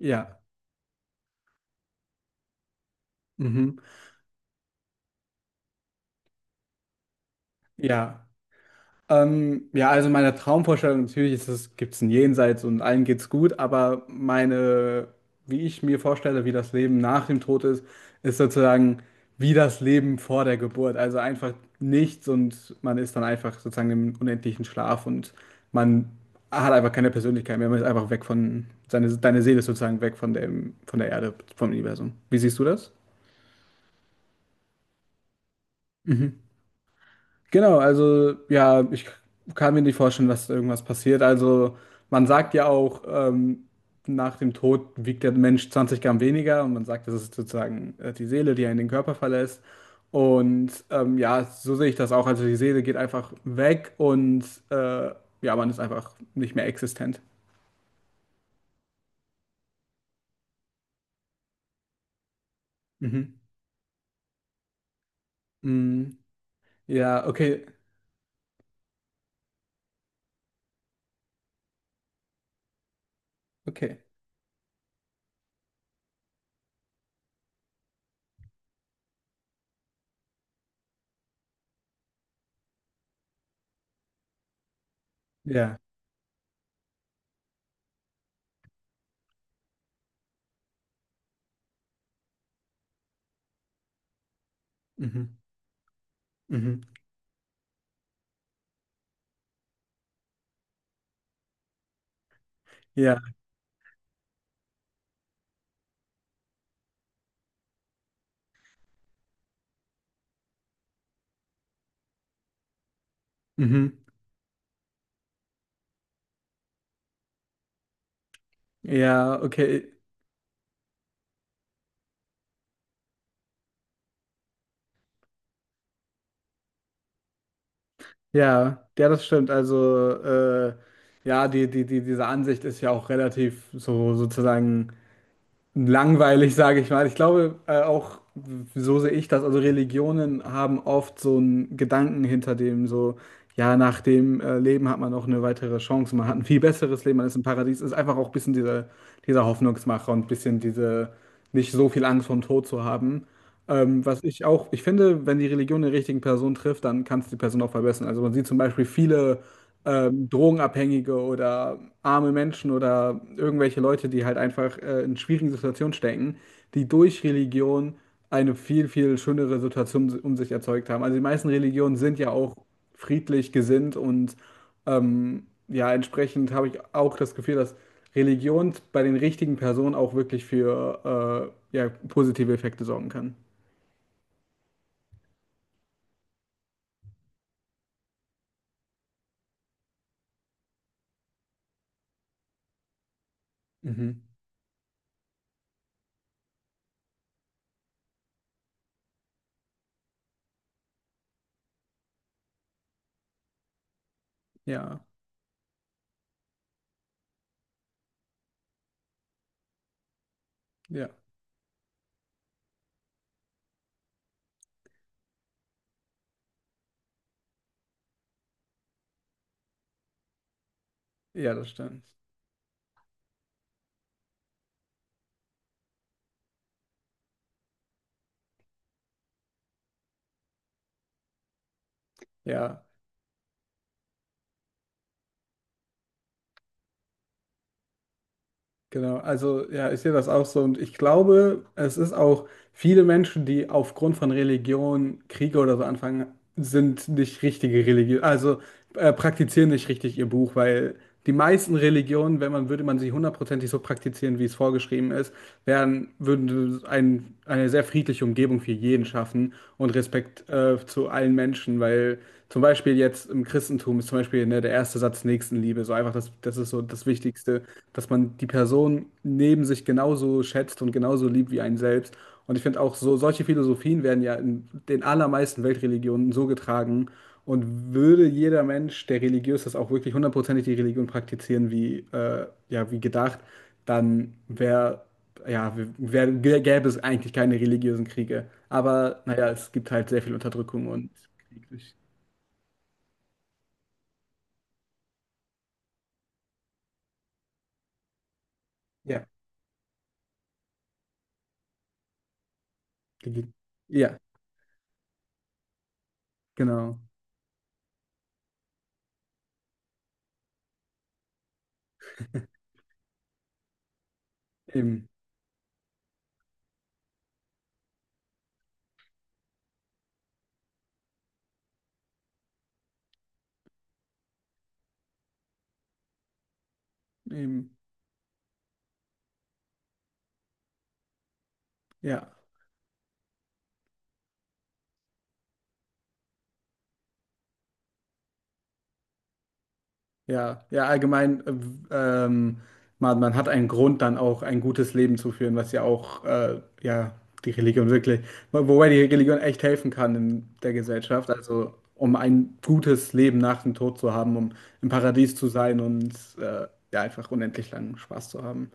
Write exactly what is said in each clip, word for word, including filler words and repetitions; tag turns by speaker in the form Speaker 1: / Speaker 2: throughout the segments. Speaker 1: Ja, mhm. Ja. Ähm, ja, also meine Traumvorstellung natürlich ist es, gibt es ein Jenseits und allen geht's gut, aber meine, wie ich mir vorstelle, wie das Leben nach dem Tod ist, ist sozusagen wie das Leben vor der Geburt. Also einfach nichts und man ist dann einfach sozusagen im unendlichen Schlaf und man hat einfach keine Persönlichkeit mehr. Man ist einfach weg von, seine, deine Seele ist sozusagen weg von dem, von der Erde, vom Universum. Wie siehst du das? Mhm. Genau, also ja, ich kann mir nicht vorstellen, dass irgendwas passiert. Also man sagt ja auch, ähm, nach dem Tod wiegt der Mensch zwanzig Gramm weniger und man sagt, das ist sozusagen äh, die Seele, die einen den Körper verlässt. Und ähm, ja, so sehe ich das auch. Also die Seele geht einfach weg und äh, ja, man ist einfach nicht mehr existent. Mhm. Mm, ja, okay, okay. Ja. Mhm. Mhm. Ja. Mhm. Ja, okay. Ja, ja, das stimmt. Also, äh, ja, die, die, die, diese Ansicht ist ja auch relativ so sozusagen langweilig, sage ich mal. Ich glaube, äh, auch so sehe ich das. Also, Religionen haben oft so einen Gedanken hinter dem, so, ja, nach dem äh, Leben hat man noch eine weitere Chance, man hat ein viel besseres Leben, man ist im Paradies. Ist einfach auch ein bisschen dieser, dieser Hoffnungsmacher und ein bisschen diese, nicht so viel Angst vom Tod zu haben. Ähm, was ich auch, ich finde, wenn die Religion den richtigen Person trifft, dann kann es die Person auch verbessern. Also man sieht zum Beispiel viele ähm, Drogenabhängige oder arme Menschen oder irgendwelche Leute, die halt einfach äh, in schwierigen Situationen stecken, die durch Religion eine viel, viel schönere Situation si-, um sich erzeugt haben. Also die meisten Religionen sind ja auch friedlich gesinnt und ähm, ja, entsprechend habe ich auch das Gefühl, dass Religion bei den richtigen Personen auch wirklich für äh, ja, positive Effekte sorgen kann. Mhm. Ja, ja, ja, das stimmt. Ja, genau. Also, ja, ich sehe das auch so. Und ich glaube, es ist auch viele Menschen, die aufgrund von Religion Kriege oder so anfangen, sind nicht richtige Religion, also äh, praktizieren nicht richtig ihr Buch, weil die meisten Religionen, wenn man, würde man sie hundertprozentig so praktizieren, wie es vorgeschrieben ist, wären, würden ein, eine sehr friedliche Umgebung für jeden schaffen und Respekt äh, zu allen Menschen, weil. Zum Beispiel jetzt im Christentum ist zum Beispiel, ne, der erste Satz Nächstenliebe. So einfach, das, das ist so das Wichtigste, dass man die Person neben sich genauso schätzt und genauso liebt wie einen selbst. Und ich finde auch so, solche Philosophien werden ja in den allermeisten Weltreligionen so getragen. Und würde jeder Mensch, der religiös ist, auch wirklich hundertprozentig die Religion praktizieren, wie, äh, ja, wie gedacht, dann wäre, ja, wär, gäbe es eigentlich keine religiösen Kriege. Aber naja, es gibt halt sehr viel Unterdrückung und Krieg durch. Ja. Die geht- Ja, genau. Eben, eben. Ja, ja, ja, allgemein, äh, w- ähm, man, man hat einen Grund, dann auch ein gutes Leben zu führen, was ja auch, äh, ja, die Religion wirklich, wo- wobei die Religion echt helfen kann in der Gesellschaft, also um ein gutes Leben nach dem Tod zu haben, um im Paradies zu sein und äh, ja, einfach unendlich langen Spaß zu haben.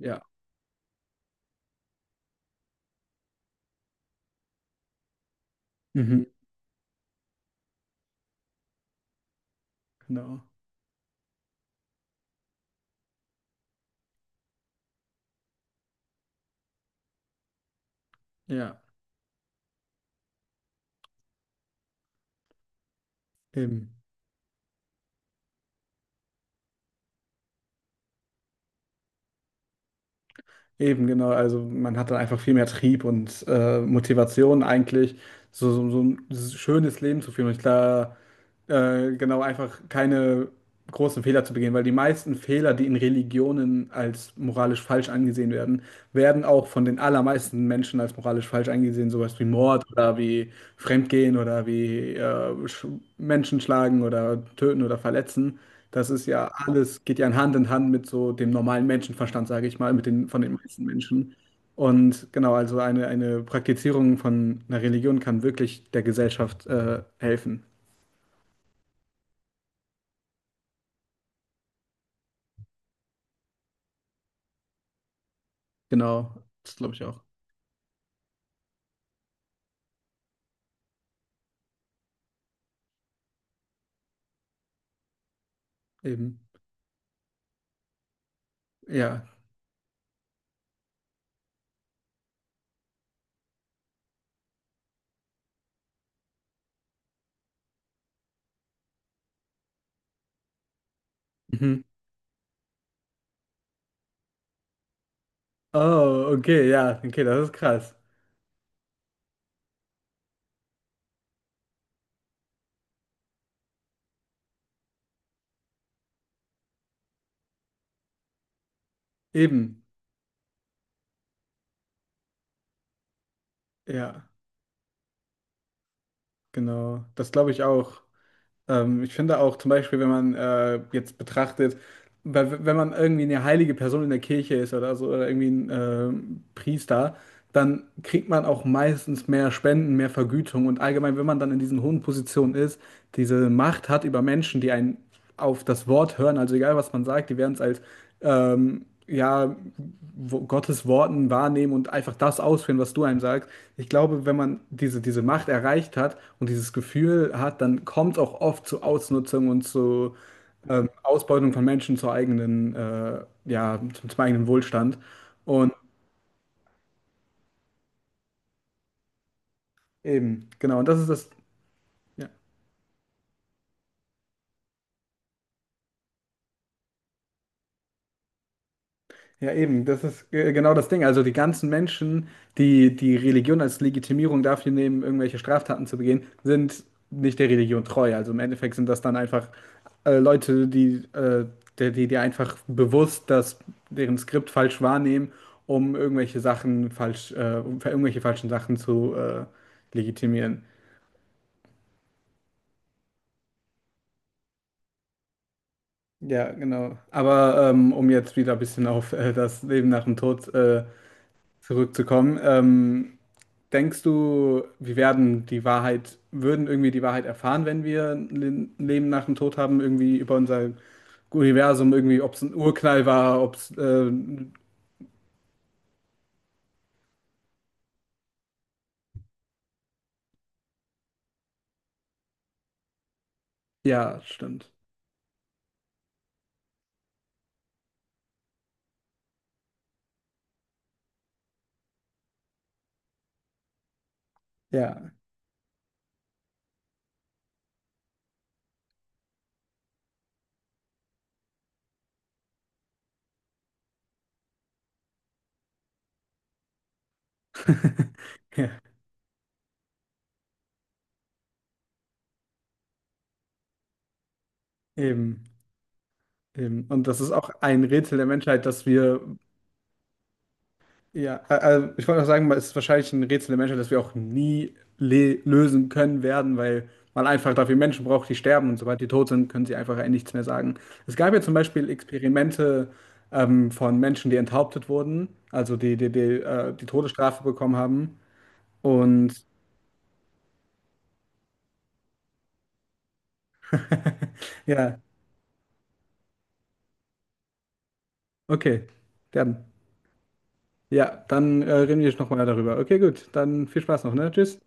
Speaker 1: Ja, mhm. Genau. Ja, eben. Eben, genau. Also man hat dann einfach viel mehr Trieb und äh, Motivation eigentlich, so, so, so ein schönes Leben zu führen. Und klar, äh, genau, einfach keine großen Fehler zu begehen, weil die meisten Fehler, die in Religionen als moralisch falsch angesehen werden, werden auch von den allermeisten Menschen als moralisch falsch angesehen, sowas wie Mord oder wie Fremdgehen oder wie äh, Sch- Menschen schlagen oder töten oder verletzen. Das ist ja alles, geht ja Hand in Hand mit so dem normalen Menschenverstand, sage ich mal, mit den, von den meisten Menschen. Und genau, also eine, eine Praktizierung von einer Religion kann wirklich der Gesellschaft äh, helfen. Genau, das glaube ich auch. Eben. Ja. Mhm. Oh, okay, ja, okay, das ist krass. Eben. Ja, genau. Das glaube ich auch. Ähm, ich finde auch zum Beispiel, wenn man äh, jetzt betrachtet, weil, wenn man irgendwie eine heilige Person in der Kirche ist oder so, oder irgendwie ein ähm, Priester, dann kriegt man auch meistens mehr Spenden, mehr Vergütung und allgemein, wenn man dann in diesen hohen Positionen ist, diese Macht hat über Menschen, die einen auf das Wort hören, also egal was man sagt, die werden es als ähm, ja, wo- Gottes Worten wahrnehmen und einfach das ausführen, was du einem sagst. Ich glaube, wenn man diese, diese Macht erreicht hat und dieses Gefühl hat, dann kommt es auch oft zu Ausnutzung und zu ähm, Ausbeutung von Menschen zur eigenen, äh, ja, zum, zum eigenen Wohlstand. Und eben, genau, und das ist das. Ja. Ja, eben, das ist äh, genau das Ding. Also die ganzen Menschen, die die Religion als Legitimierung dafür nehmen, irgendwelche Straftaten zu begehen, sind nicht der Religion treu. Also im Endeffekt sind das dann einfach äh, Leute, die, äh, die, die die einfach bewusst das, deren Skript falsch wahrnehmen, um irgendwelche Sachen falsch, äh, um irgendwelche falschen Sachen zu äh, legitimieren. Ja, genau. Aber ähm, um jetzt wieder ein bisschen auf äh, das Leben nach dem Tod äh, zurückzukommen, ähm, denkst du, wir werden die Wahrheit, würden irgendwie die Wahrheit erfahren, wenn wir ein Le- Leben nach dem Tod haben, irgendwie über unser Universum, irgendwie, ob es ein Urknall war, ob es, ähm, ja, stimmt. Ja. Ja, eben, eben. Und das ist auch ein Rätsel der Menschheit, dass wir. Ja, a- also ich wollte auch sagen, es ist wahrscheinlich ein Rätsel der Menschheit, das wir auch nie le lösen können werden, weil man einfach dafür Menschen braucht, die sterben und sobald die tot sind, können sie einfach nichts mehr sagen. Es gab ja zum Beispiel Experimente ähm, von Menschen, die enthauptet wurden, also die die, die, äh, die Todesstrafe bekommen haben. Und ja, okay, dann. Ja, dann äh, reden wir nochmal darüber. Okay, gut, dann viel Spaß noch, ne? Tschüss.